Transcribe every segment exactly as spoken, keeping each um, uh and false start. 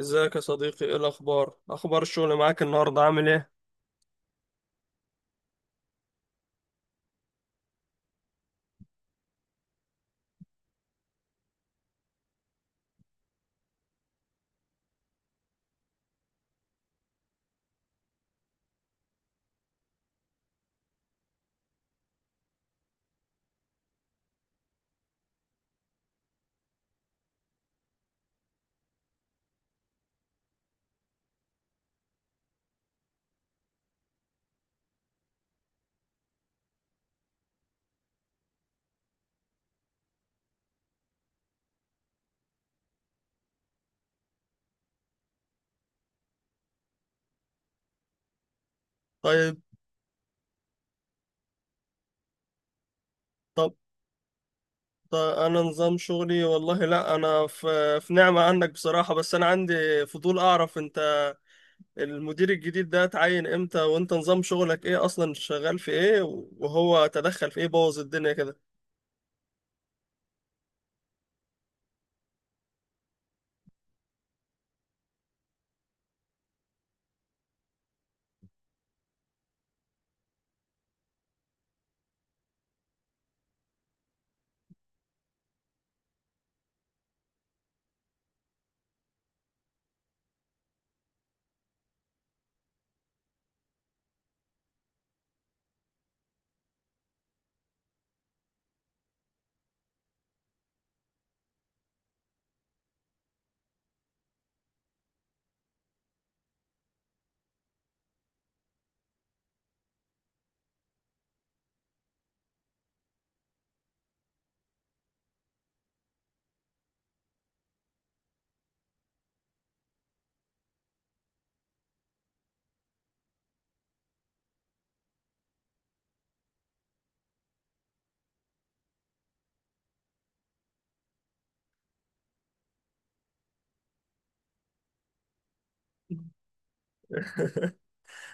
ازيك يا صديقي؟ ايه الاخبار؟ اخبار الشغل معاك النهارده، عامل ايه؟ طيب طب طب انا نظام شغلي، والله لا، انا في في نعمة عنك بصراحة. بس انا عندي فضول اعرف، انت المدير الجديد ده اتعين امتى؟ وانت نظام شغلك ايه اصلا؟ شغال في ايه؟ وهو تدخل في ايه؟ بوظ الدنيا كده؟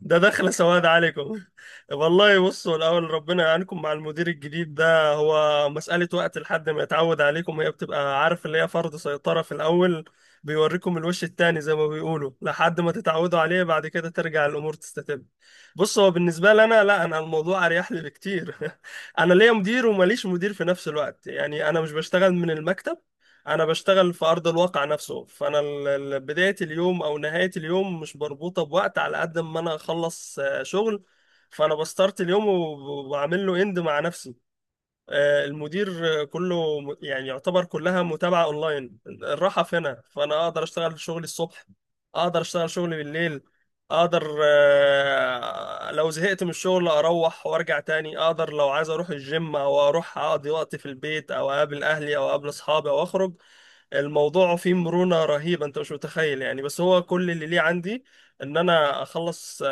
ده دخلة سواد عليكم والله بصوا الأول، ربنا يعينكم مع المدير الجديد ده. هو مسألة وقت لحد ما يتعود عليكم، هي بتبقى، عارف، اللي هي فرض سيطرة في الأول. بيوريكم الوش التاني زي ما بيقولوا، لحد ما تتعودوا عليه، بعد كده ترجع الأمور تستتب. بص، هو بالنسبة لي أنا، لا، أنا الموضوع أريح لي بكتير أنا ليا مدير ومليش مدير في نفس الوقت، يعني أنا مش بشتغل من المكتب. انا بشتغل في ارض الواقع نفسه، فانا ال- ال- بدايه اليوم او نهايه اليوم مش مربوطه بوقت، على قد ما انا اخلص آه، شغل. فانا بستارت اليوم وب- وبعمل له اند مع نفسي. آه، المدير آه، كله م- يعني يعتبر كلها متابعة اونلاين، الراحة في هنا. فانا اقدر اشتغل شغلي الصبح، اقدر اشتغل شغلي بالليل، اقدر آه، لو زهقت من الشغل اروح وارجع تاني، اقدر لو عايز اروح الجيم او اروح اقضي وقت في البيت او اقابل اهلي او اقابل اصحابي او اخرج. الموضوع فيه مرونة رهيبة، انت مش متخيل يعني. بس هو كل اللي ليه عندي ان انا اخلص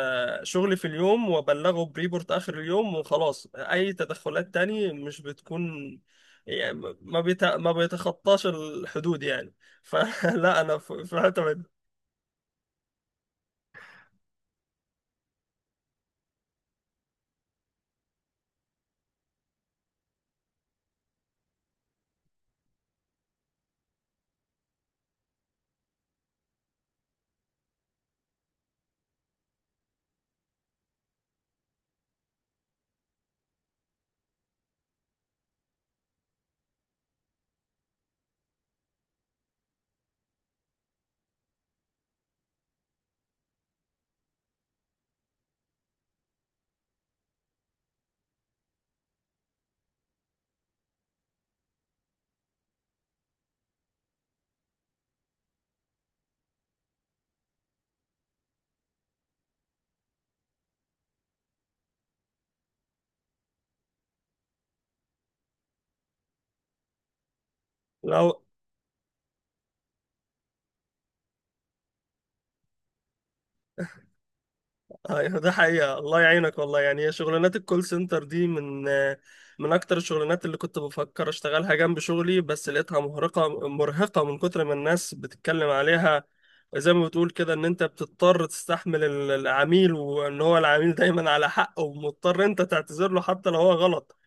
شغلي في اليوم وابلغه بريبورت اخر اليوم وخلاص. اي تدخلات تاني مش بتكون، يعني ما بيت... ما بيتخطاش الحدود يعني. فلا انا في في الحته دي. لو ايوه، ده حقيقة، الله يعينك والله. يعني هي شغلانات الكول سنتر دي من من اكتر الشغلانات اللي كنت بفكر اشتغلها جنب شغلي، بس لقيتها مرهقة، مرهقة من كتر ما الناس بتتكلم عليها. زي ما بتقول كده، ان انت بتضطر تستحمل ال- العميل، وان هو العميل دايما على حق، ومضطر انت تعتذر له حتى لو هو غلط.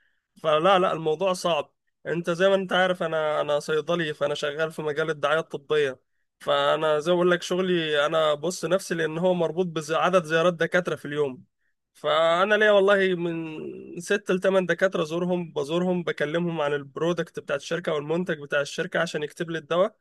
فلا لا، الموضوع صعب. انت زي ما انت عارف، انا انا صيدلي، فانا شغال في مجال الدعاية الطبية. فانا زي ما بقول لك، شغلي انا بص نفسي لان هو مربوط بعدد زيارات دكاتره في اليوم. فانا ليا والله من ست لثمان دكاتره زورهم بزورهم، بكلمهم عن البرودكت بتاع الشركه والمنتج بتاع الشركه عشان يكتب لي الدواء.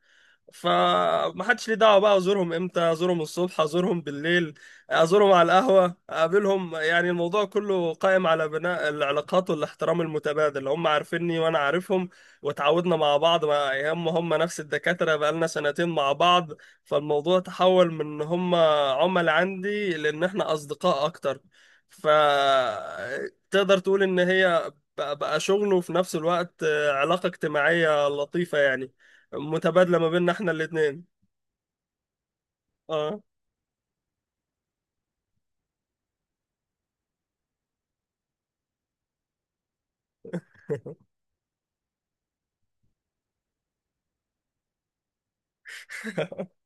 فمحدش ليه دعوه بقى، ازورهم امتى، ازورهم الصبح، ازورهم بالليل، ازورهم على القهوه، اقابلهم. يعني الموضوع كله قائم على بناء العلاقات والاحترام المتبادل، هم عارفيني وانا عارفهم، واتعودنا مع بعض. مع هم هم نفس الدكاترة بقالنا سنتين مع بعض. فالموضوع تحول من ان هم عملاء عندي لان احنا اصدقاء اكتر. فتقدر تقول ان هي بقى بقى شغل، وفي نفس الوقت آه، علاقة اجتماعية لطيفة، يعني متبادلة ما بيننا احنا الاتنين. اه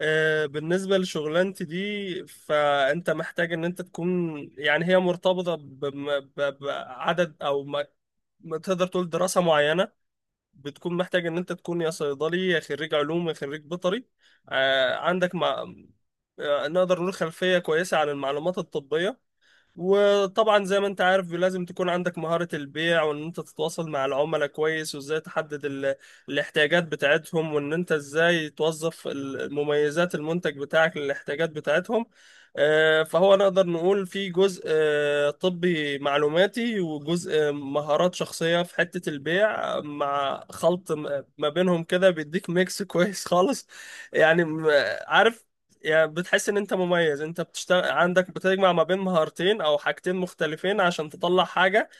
آه، بالنسبة لشغلانتي دي، فأنت محتاج إن أنت تكون، يعني هي مرتبطة بم- ب- بعدد، أو ما ما تقدر تقول دراسة معينة. بتكون محتاج ان انت تكون يا صيدلي يا خريج علوم يا خريج بيطري. آه، عندك مع... آه، نقدر نقول خلفية كويسة عن المعلومات الطبية. وطبعا زي ما انت عارف، لازم تكون عندك مهارة البيع، وان انت تتواصل مع العملاء كويس، وازاي تحدد ال... الاحتياجات بتاعتهم، وان انت ازاي توظف ال- مميزات المنتج بتاعك للاحتياجات بتاعتهم. آه، فهو نقدر نقول في جزء آه، طبي معلوماتي، وجزء آه، مهارات شخصية في حتة البيع، مع خلط م- ما بينهم كده بيديك ميكس كويس خالص. يعني م- عارف، يعني بتحس ان انت مميز، انت بتشتغل عندك بتجمع ما بين مهارتين او حاجتين مختلفين عشان تطلع حاجة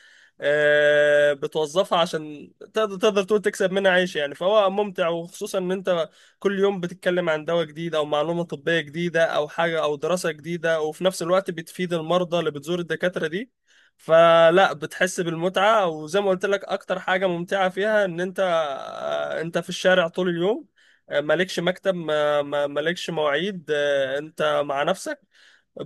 آه، بتوظفها عشان تقدر تقدر تقول تكسب منها عيش يعني. فهو ممتع، وخصوصا ان انت كل يوم بتتكلم عن دواء جديد او معلومة طبية جديدة او حاجة او دراسة جديدة، وفي نفس الوقت بتفيد المرضى اللي بتزور الدكاترة دي. فلا، بتحس بالمتعة. وزي ما قلت لك، اكتر حاجة ممتعة فيها ان انت آه، انت في الشارع طول اليوم، آه، مالكش مكتب، ما- ما- مالكش مواعيد، آه، انت مع نفسك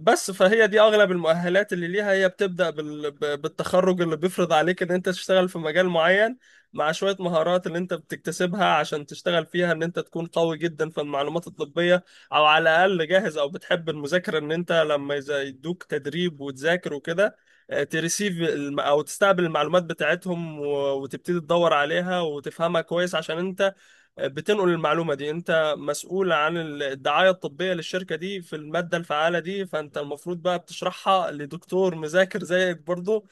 بس. فهي دي اغلب المؤهلات اللي ليها، هي بتبدا بال... ب- بالتخرج اللي بيفرض عليك ان انت تشتغل في مجال معين، مع شويه مهارات اللي انت بتكتسبها عشان تشتغل فيها، ان انت تكون قوي جدا في المعلومات الطبيه، او على الاقل جاهز، او بتحب المذاكره، ان انت لما يز- يدوك تدريب وتذاكر وكده آه، تريسيف الم- او تستقبل المعلومات بتاعتهم و- وتبتدي تدور عليها وتفهمها كويس، عشان انت آه، بتنقل المعلومه دي. انت انت مسؤول عن الدعايه الطبيه للشركه دي في الماده الفعاله دي، فانت المفروض بقى بتشرحها لدكتور مذاكر زيك برضه،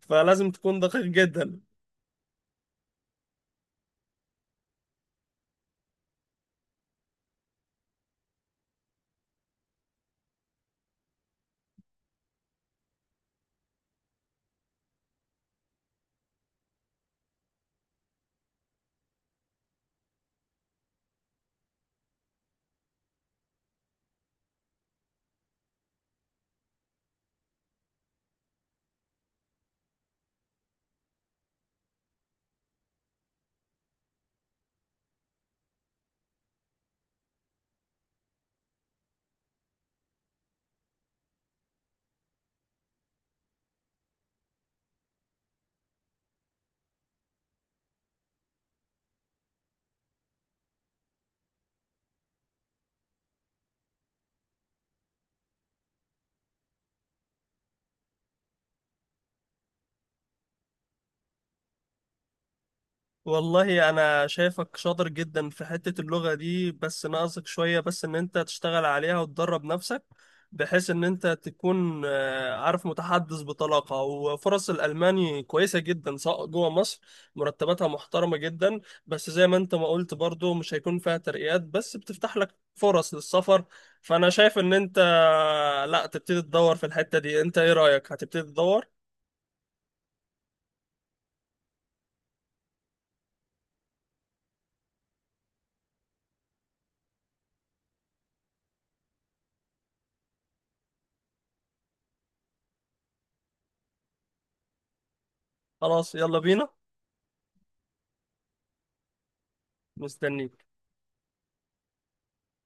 فلازم تكون دقيق جدا. والله انا شايفك شاطر جدا في حتة اللغة دي، بس ناقصك شوية بس ان انت تشتغل عليها وتدرب نفسك، بحيث ان انت تكون آه، عارف، متحدث بطلاقة. وفرص الالماني كويسة جدا سواء جوه مصر، مرتباتها محترمة جدا. بس زي ما انت ما قلت برضو، مش هيكون فيها ترقيات، بس بتفتح لك فرص للسفر. فانا شايف ان انت آه، لا، تبتدي تدور في الحتة دي. انت ايه رأيك؟ هتبتدي تدور؟ خلاص، يلا بينا. مستنيك.